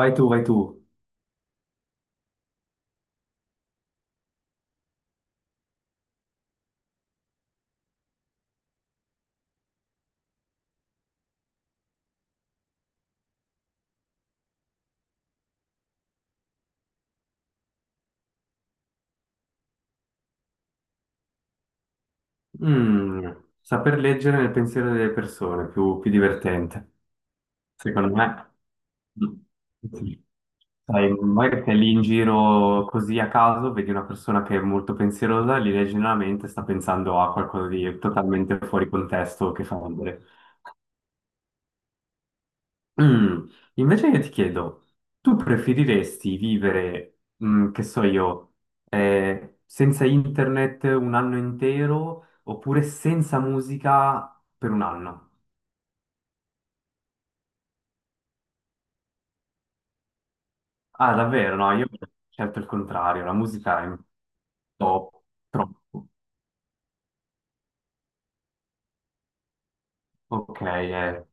Vai tu, vai tu. Mm, Saper leggere nel pensiero delle persone, più, più divertente. Secondo me, sì, sai, magari sei lì in giro così a caso, vedi una persona che è molto pensierosa, gli leggi nella mente, sta pensando a qualcosa di totalmente fuori contesto che fa ridere. Mm, Invece io ti chiedo, tu preferiresti vivere, che so io, senza internet un anno intero oppure senza musica per un anno? Ah, davvero? No, io ho scelto il contrario, la musica è un po' troppo. Ok,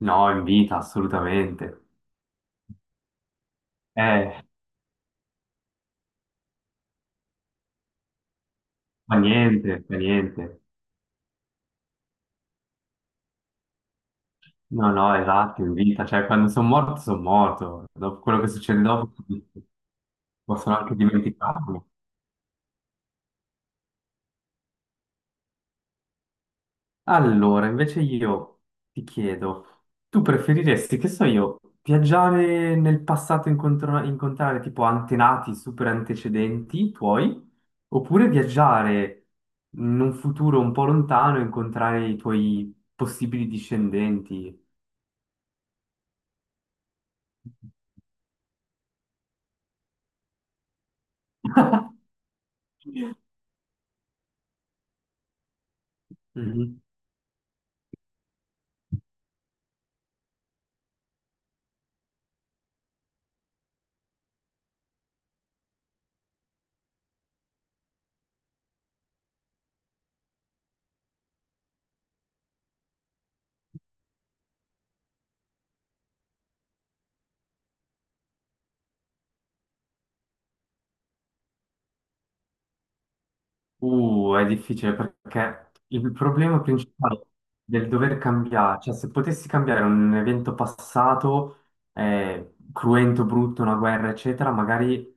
no, in vita, assolutamente. Eh, Fa niente, fa niente. No, no, esatto, in vita, cioè quando sono morto, dopo quello che succede dopo possono anche dimenticarlo. Allora, invece io ti chiedo, tu preferiresti, che so io, viaggiare nel passato e incontrare tipo antenati, super antecedenti tuoi, oppure viaggiare in un futuro un po' lontano e incontrare i tuoi possibili discendenti? Mhm. È difficile perché il problema principale del dover cambiare, cioè se potessi cambiare un evento passato, cruento, brutto, una guerra, eccetera, magari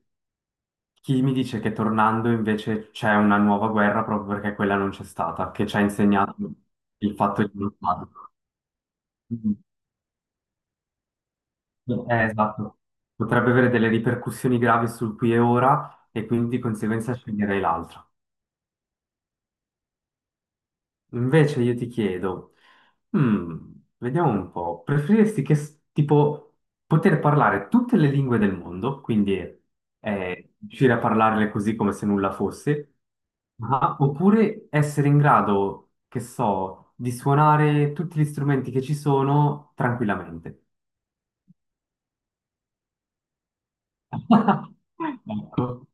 chi mi dice che tornando invece c'è una nuova guerra proprio perché quella non c'è stata, che ci ha insegnato il fatto di non farlo. Mm. Esatto. Potrebbe avere delle ripercussioni gravi sul qui e ora e quindi di conseguenza sceglierei l'altro. Invece io ti chiedo, mm, vediamo un po', preferiresti tipo poter parlare tutte le lingue del mondo, quindi riuscire a parlarle così come se nulla fosse, oppure essere in grado, che so, di suonare tutti gli strumenti che ci sono tranquillamente? Ecco,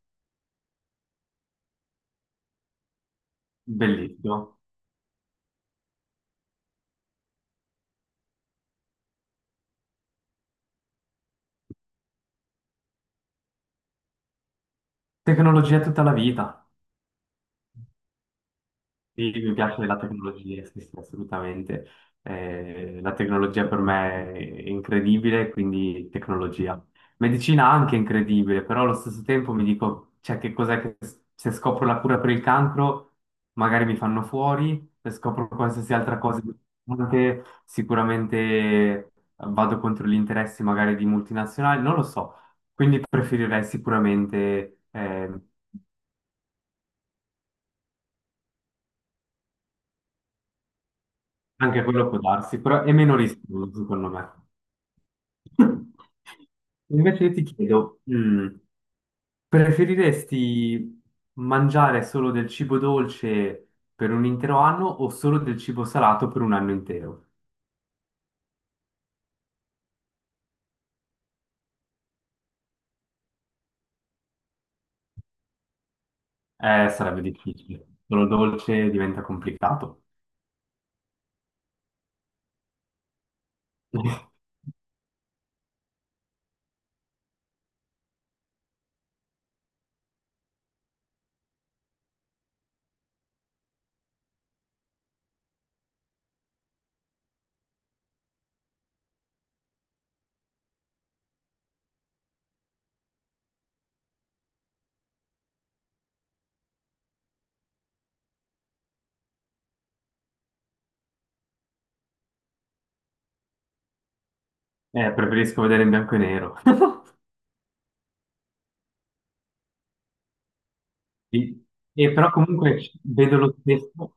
bellissimo. Tecnologia tutta la vita. Sì, mi piace la tecnologia, sì, sì, assolutamente. La tecnologia per me è incredibile, quindi tecnologia. Medicina anche incredibile, però allo stesso tempo mi dico, cioè, che cos'è che se scopro la cura per il cancro, magari mi fanno fuori, se scopro qualsiasi altra cosa, importante, sicuramente vado contro gli interessi magari di multinazionali, non lo so. Quindi preferirei sicuramente, anche quello può darsi, però è meno rischioso secondo me. Invece io ti chiedo, preferiresti mangiare solo del cibo dolce per un intero anno o solo del cibo salato per un anno intero? Sarebbe difficile. Solo dolce diventa complicato. Preferisco vedere in bianco e nero. Sì. E però comunque vedo lo stesso,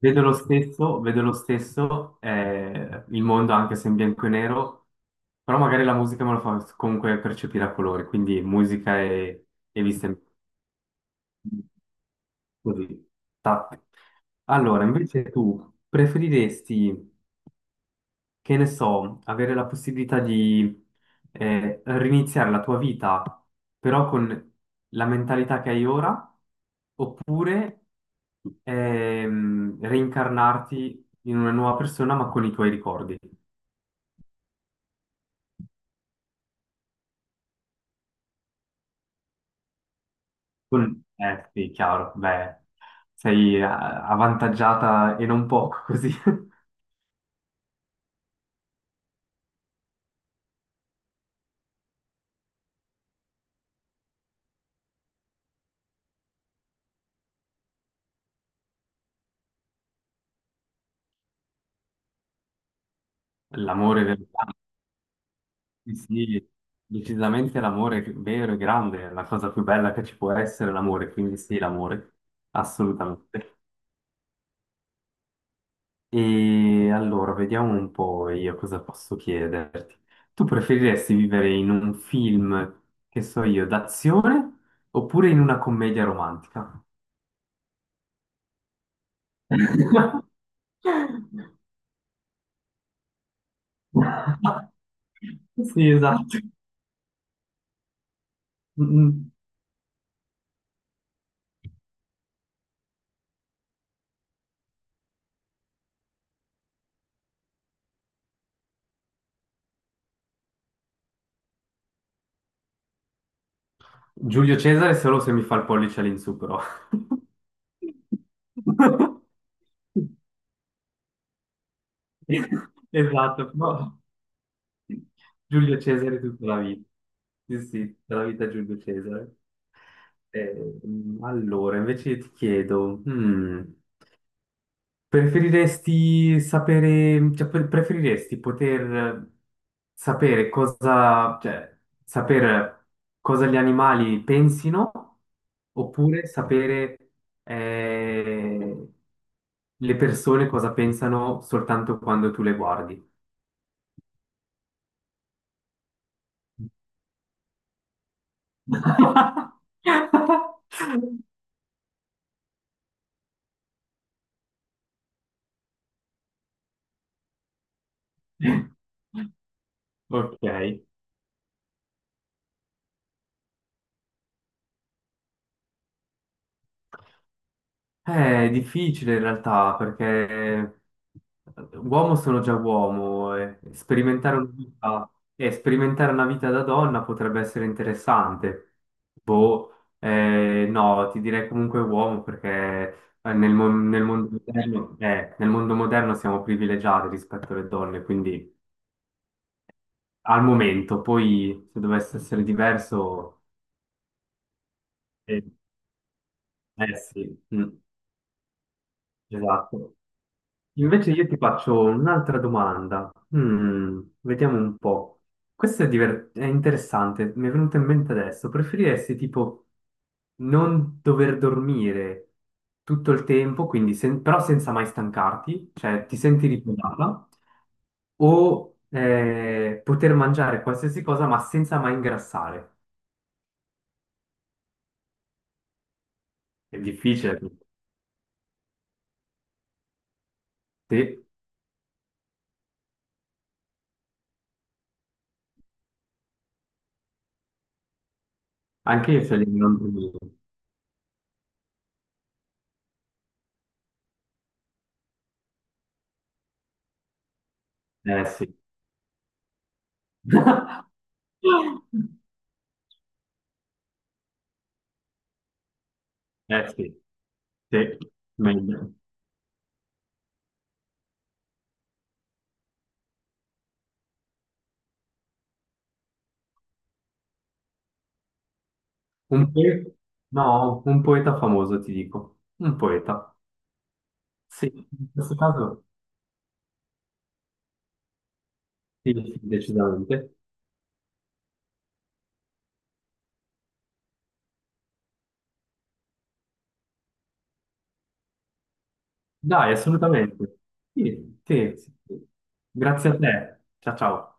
vedo lo stesso, vedo lo stesso il mondo anche se in bianco e nero, però magari la musica me lo fa comunque percepire a colori, quindi musica e vista in- così. Tac. Allora, invece tu preferiresti che ne so, avere la possibilità di riniziare la tua vita però con la mentalità che hai ora, oppure reincarnarti in una nuova persona ma con i tuoi ricordi. Con... Eh sì, chiaro, beh, sei avvantaggiata e non poco così. L'amore vero. Sì, sì, decisamente l'amore vero e grande è la cosa più bella che ci può essere, l'amore, quindi sì, l'amore, assolutamente. E allora, vediamo un po' io cosa posso chiederti. Tu preferiresti vivere in un film, che so io, d'azione oppure in una commedia romantica? Sì, esatto. Mm. Giulio Cesare solo se mi fa il pollice all'insù, però. Esatto, però Giulio Cesare tutta la vita. Sì, sì, tutta la vita Giulio Cesare. Allora, invece ti chiedo, preferiresti sapere, cioè, preferiresti poter sapere cosa, cioè, sapere cosa gli animali pensino oppure sapere eh, le persone cosa pensano soltanto quando tu le guardi? Ok, eh, è difficile in realtà perché uomo sono già uomo e sperimentare una vita, e sperimentare una vita da donna potrebbe essere interessante. Boh, no, ti direi comunque uomo perché nel mondo moderno siamo privilegiati rispetto alle donne, quindi al momento, poi se dovesse essere diverso... eh, Eh sì, esatto. Invece io ti faccio un'altra domanda. Vediamo un po'. Questo è, è interessante, mi è venuto in mente adesso. Preferiresti tipo non dover dormire tutto il tempo, quindi però senza mai stancarti, cioè ti senti riposata, o poter mangiare qualsiasi cosa ma senza mai ingrassare? È difficile. Sì, anche io sceglierei di non dormire. Eh sì. Eh sì, sì, meglio. Un poeta? No, un poeta famoso, ti dico. Un poeta. Sì, in questo caso sì, sì, decisamente. Dai, assolutamente. Sì, sì, sì. Sì. Grazie a te. Ciao, ciao.